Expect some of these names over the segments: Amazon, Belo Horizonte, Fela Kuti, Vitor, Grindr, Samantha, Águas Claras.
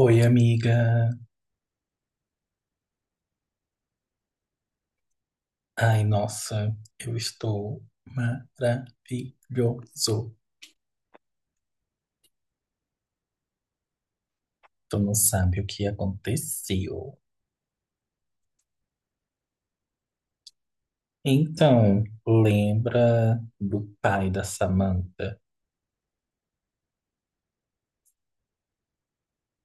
Oi, amiga. Ai, nossa, eu estou maravilhoso. Tu não sabe o que aconteceu. Então, lembra do pai da Samantha?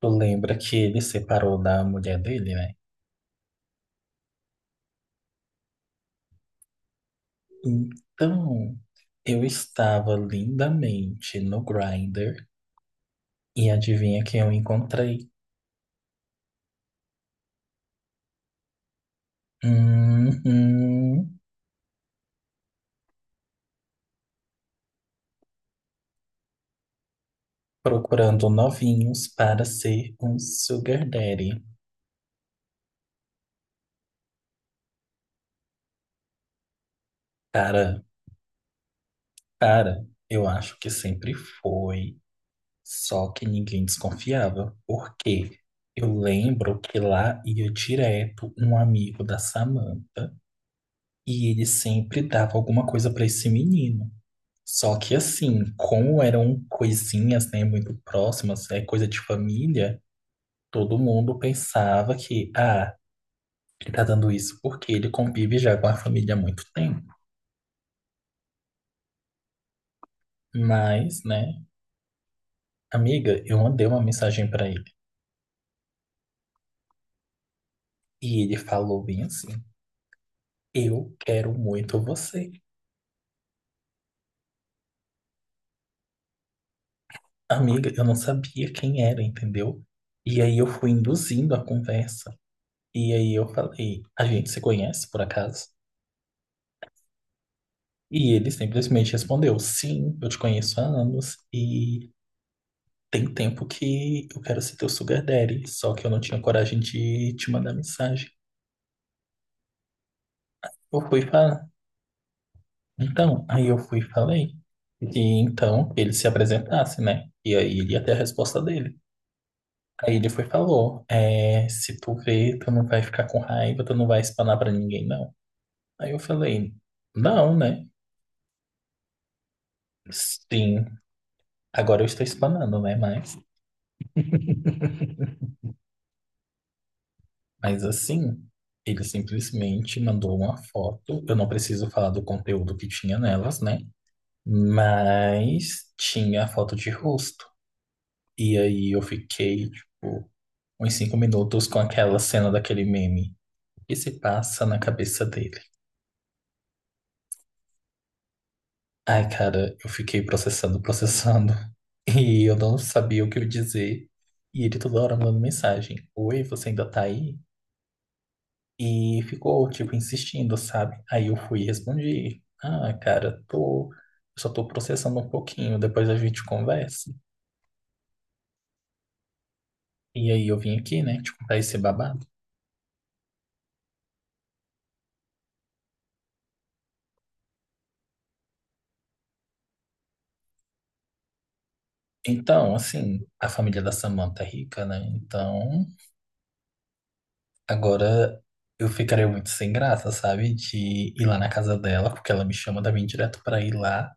Tu lembra que ele separou da mulher dele, né? Então, eu estava lindamente no Grindr e adivinha quem eu encontrei? Uhum, procurando novinhos para ser um sugar daddy. Cara, Cara, eu acho que sempre foi, só que ninguém desconfiava. Por quê? Eu lembro que lá ia direto um amigo da Samantha e ele sempre dava alguma coisa pra esse menino. Só que assim, como eram coisinhas, né, muito próximas, é coisa de família, todo mundo pensava que, ah, ele tá dando isso porque ele convive já com a família há muito tempo. Mas, né, amiga, eu mandei uma mensagem pra ele. E ele falou bem assim. Eu quero muito você. Amiga, eu não sabia quem era, entendeu? E aí eu fui induzindo a conversa. E aí eu falei, a gente se conhece por acaso? E ele simplesmente respondeu, sim, eu te conheço há anos e tem tempo que eu quero ser teu sugar daddy, só que eu não tinha coragem de te mandar mensagem. Eu fui falar. Então, aí eu fui e falei que então ele se apresentasse, né? E aí ele ia ter a resposta dele. Aí ele foi e falou, é, se tu crer, tu não vai ficar com raiva, tu não vai espanar pra ninguém, não. Aí eu falei, não, né? Sim, agora eu estou espanando, né? Mas assim, ele simplesmente mandou uma foto, eu não preciso falar do conteúdo que tinha nelas, né? Mas tinha a foto de rosto. E aí eu fiquei, tipo, uns 5 minutos com aquela cena daquele meme. O que se passa na cabeça dele? Ai, cara, eu fiquei processando, processando. E eu não sabia o que eu dizer. E ele toda hora mandando mensagem. Oi, você ainda tá aí? E ficou, tipo, insistindo, sabe? Aí eu fui e respondi. Ah, cara, tô... Eu só tô processando um pouquinho, depois a gente conversa. E aí eu vim aqui, né, te contar esse babado. Então, assim, a família da Samantha é rica, né? Então, agora eu ficaria muito sem graça, sabe? De ir lá na casa dela, porque ela me chama também direto pra ir lá.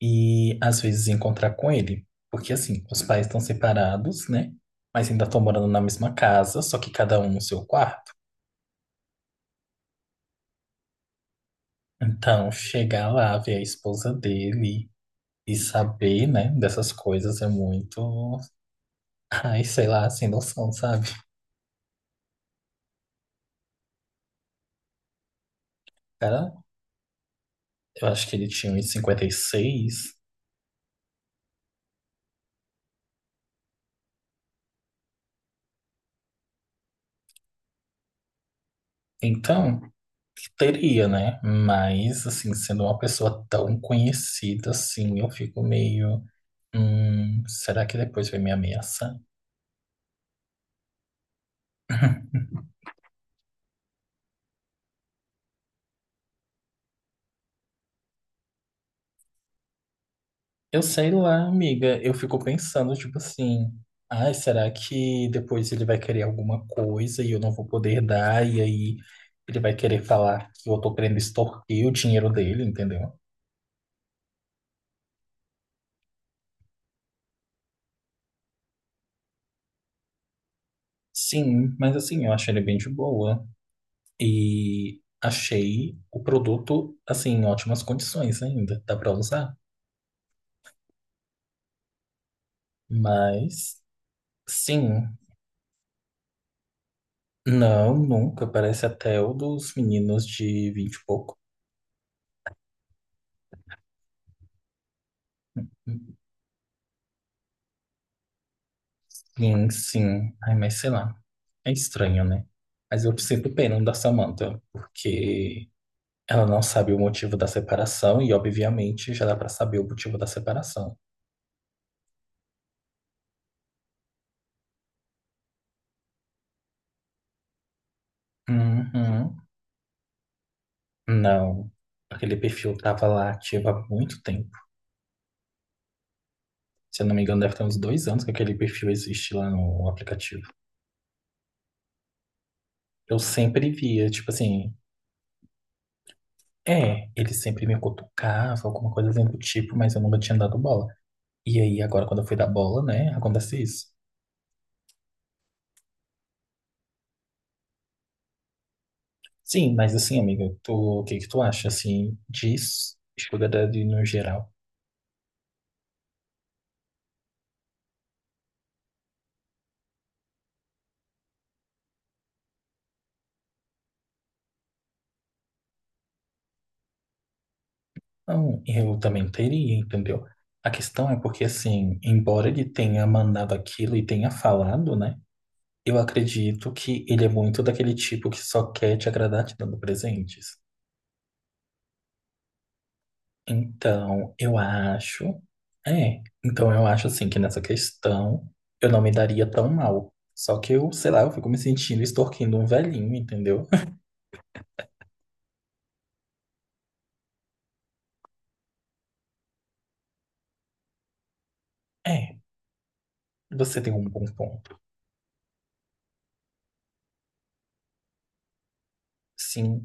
E às vezes encontrar com ele. Porque assim, os pais estão separados, né? Mas ainda estão morando na mesma casa, só que cada um no seu quarto. Então, chegar lá, ver a esposa dele e saber, né, dessas coisas é muito. Ai, sei lá, sem noção, sabe? Cara, eu acho que ele tinha uns 56. Então, teria, né? Mas, assim, sendo uma pessoa tão conhecida assim, eu fico meio. Será que depois vai me ameaçar? Eu sei lá, amiga. Eu fico pensando, tipo assim, ai, será que depois ele vai querer alguma coisa e eu não vou poder dar? E aí ele vai querer falar que eu tô querendo extorquir o dinheiro dele, entendeu? Sim, mas assim, eu achei ele bem de boa. E achei o produto, assim, em ótimas condições ainda. Dá pra usar? Mas, sim. Não, nunca. Parece até o dos meninos de 20 e pouco. Sim, sim. Ai, mas sei lá. É estranho, né? Mas eu sinto pena da Samantha, porque ela não sabe o motivo da separação e, obviamente, já dá pra saber o motivo da separação. Uhum. Não. Aquele perfil tava lá ativo há muito tempo. Se eu não me engano, deve ter uns 2 anos que aquele perfil existe lá no aplicativo. Eu sempre via, tipo assim, é, ele sempre me cutucava, alguma coisa assim do tipo, mas eu nunca tinha dado bola. E aí, agora, quando eu fui dar bola, né, acontece isso. Sim, mas assim, amiga, tu, o que que tu acha, assim, de Sugar Daddy no geral? Não, eu também teria, entendeu? A questão é porque, assim, embora ele tenha mandado aquilo e tenha falado, né? Eu acredito que ele é muito daquele tipo que só quer te agradar te dando presentes. Então, eu acho... É, então eu acho, assim, que nessa questão eu não me daria tão mal. Só que eu, sei lá, eu fico me sentindo extorquindo um velhinho, entendeu? É, você tem um bom ponto. Sim,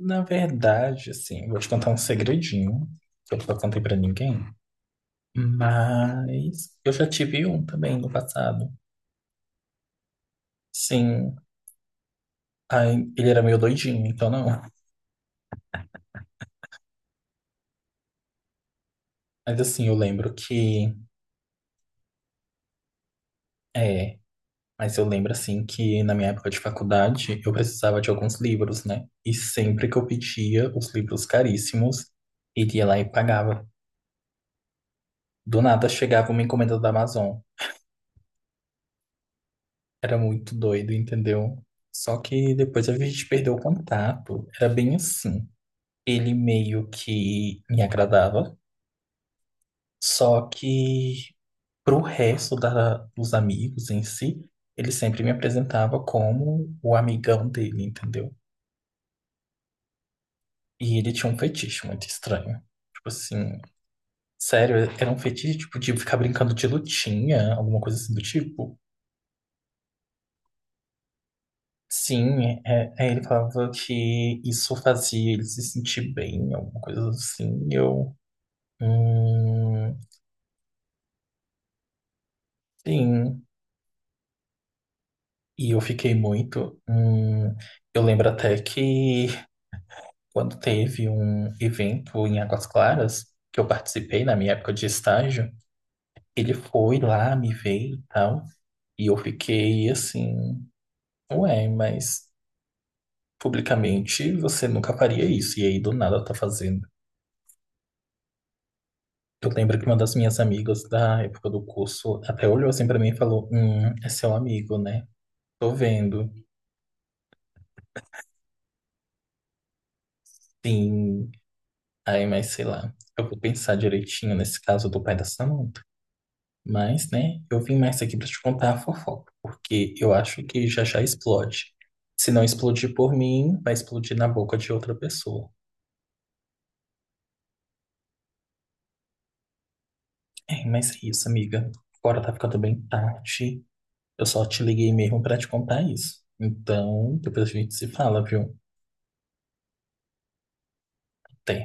na verdade, assim, vou te contar um segredinho que eu nunca contei pra ninguém, mas eu já tive um também no passado. Sim, aí ele era meio doidinho, então não. Mas assim, eu lembro que é, mas eu lembro assim que na minha época de faculdade eu precisava de alguns livros, né? E sempre que eu pedia os livros caríssimos, ele ia lá e pagava. Do nada chegava uma encomenda da Amazon. Era muito doido, entendeu? Só que depois a gente perdeu o contato. Era bem assim. Ele meio que me agradava, só que pro resto dos amigos em si, ele sempre me apresentava como o amigão dele, entendeu? E ele tinha um fetiche muito estranho. Tipo assim, sério, era um fetiche tipo de ficar brincando de lutinha, alguma coisa assim do tipo. Sim, é, ele falava que isso fazia ele se sentir bem, alguma coisa assim. E eu, hum, sim, e eu fiquei muito. Eu lembro até que quando teve um evento em Águas Claras, que eu participei na minha época de estágio, ele foi lá, me veio e tal, e eu fiquei assim, ué, mas publicamente você nunca faria isso, e aí do nada tá fazendo. Eu lembro que uma das minhas amigas da época do curso até olhou assim pra mim e falou: é seu amigo, né? Tô vendo. Sim. Aí, mas sei lá. Eu vou pensar direitinho nesse caso do pai da Samantha. Mas, né, eu vim mais aqui pra te contar a fofoca, porque eu acho que já já explode. Se não explodir por mim, vai explodir na boca de outra pessoa. É, mas é isso, amiga. Agora tá ficando bem tarde. Eu só te liguei mesmo pra te contar isso. Então, depois a gente se fala, viu? Até.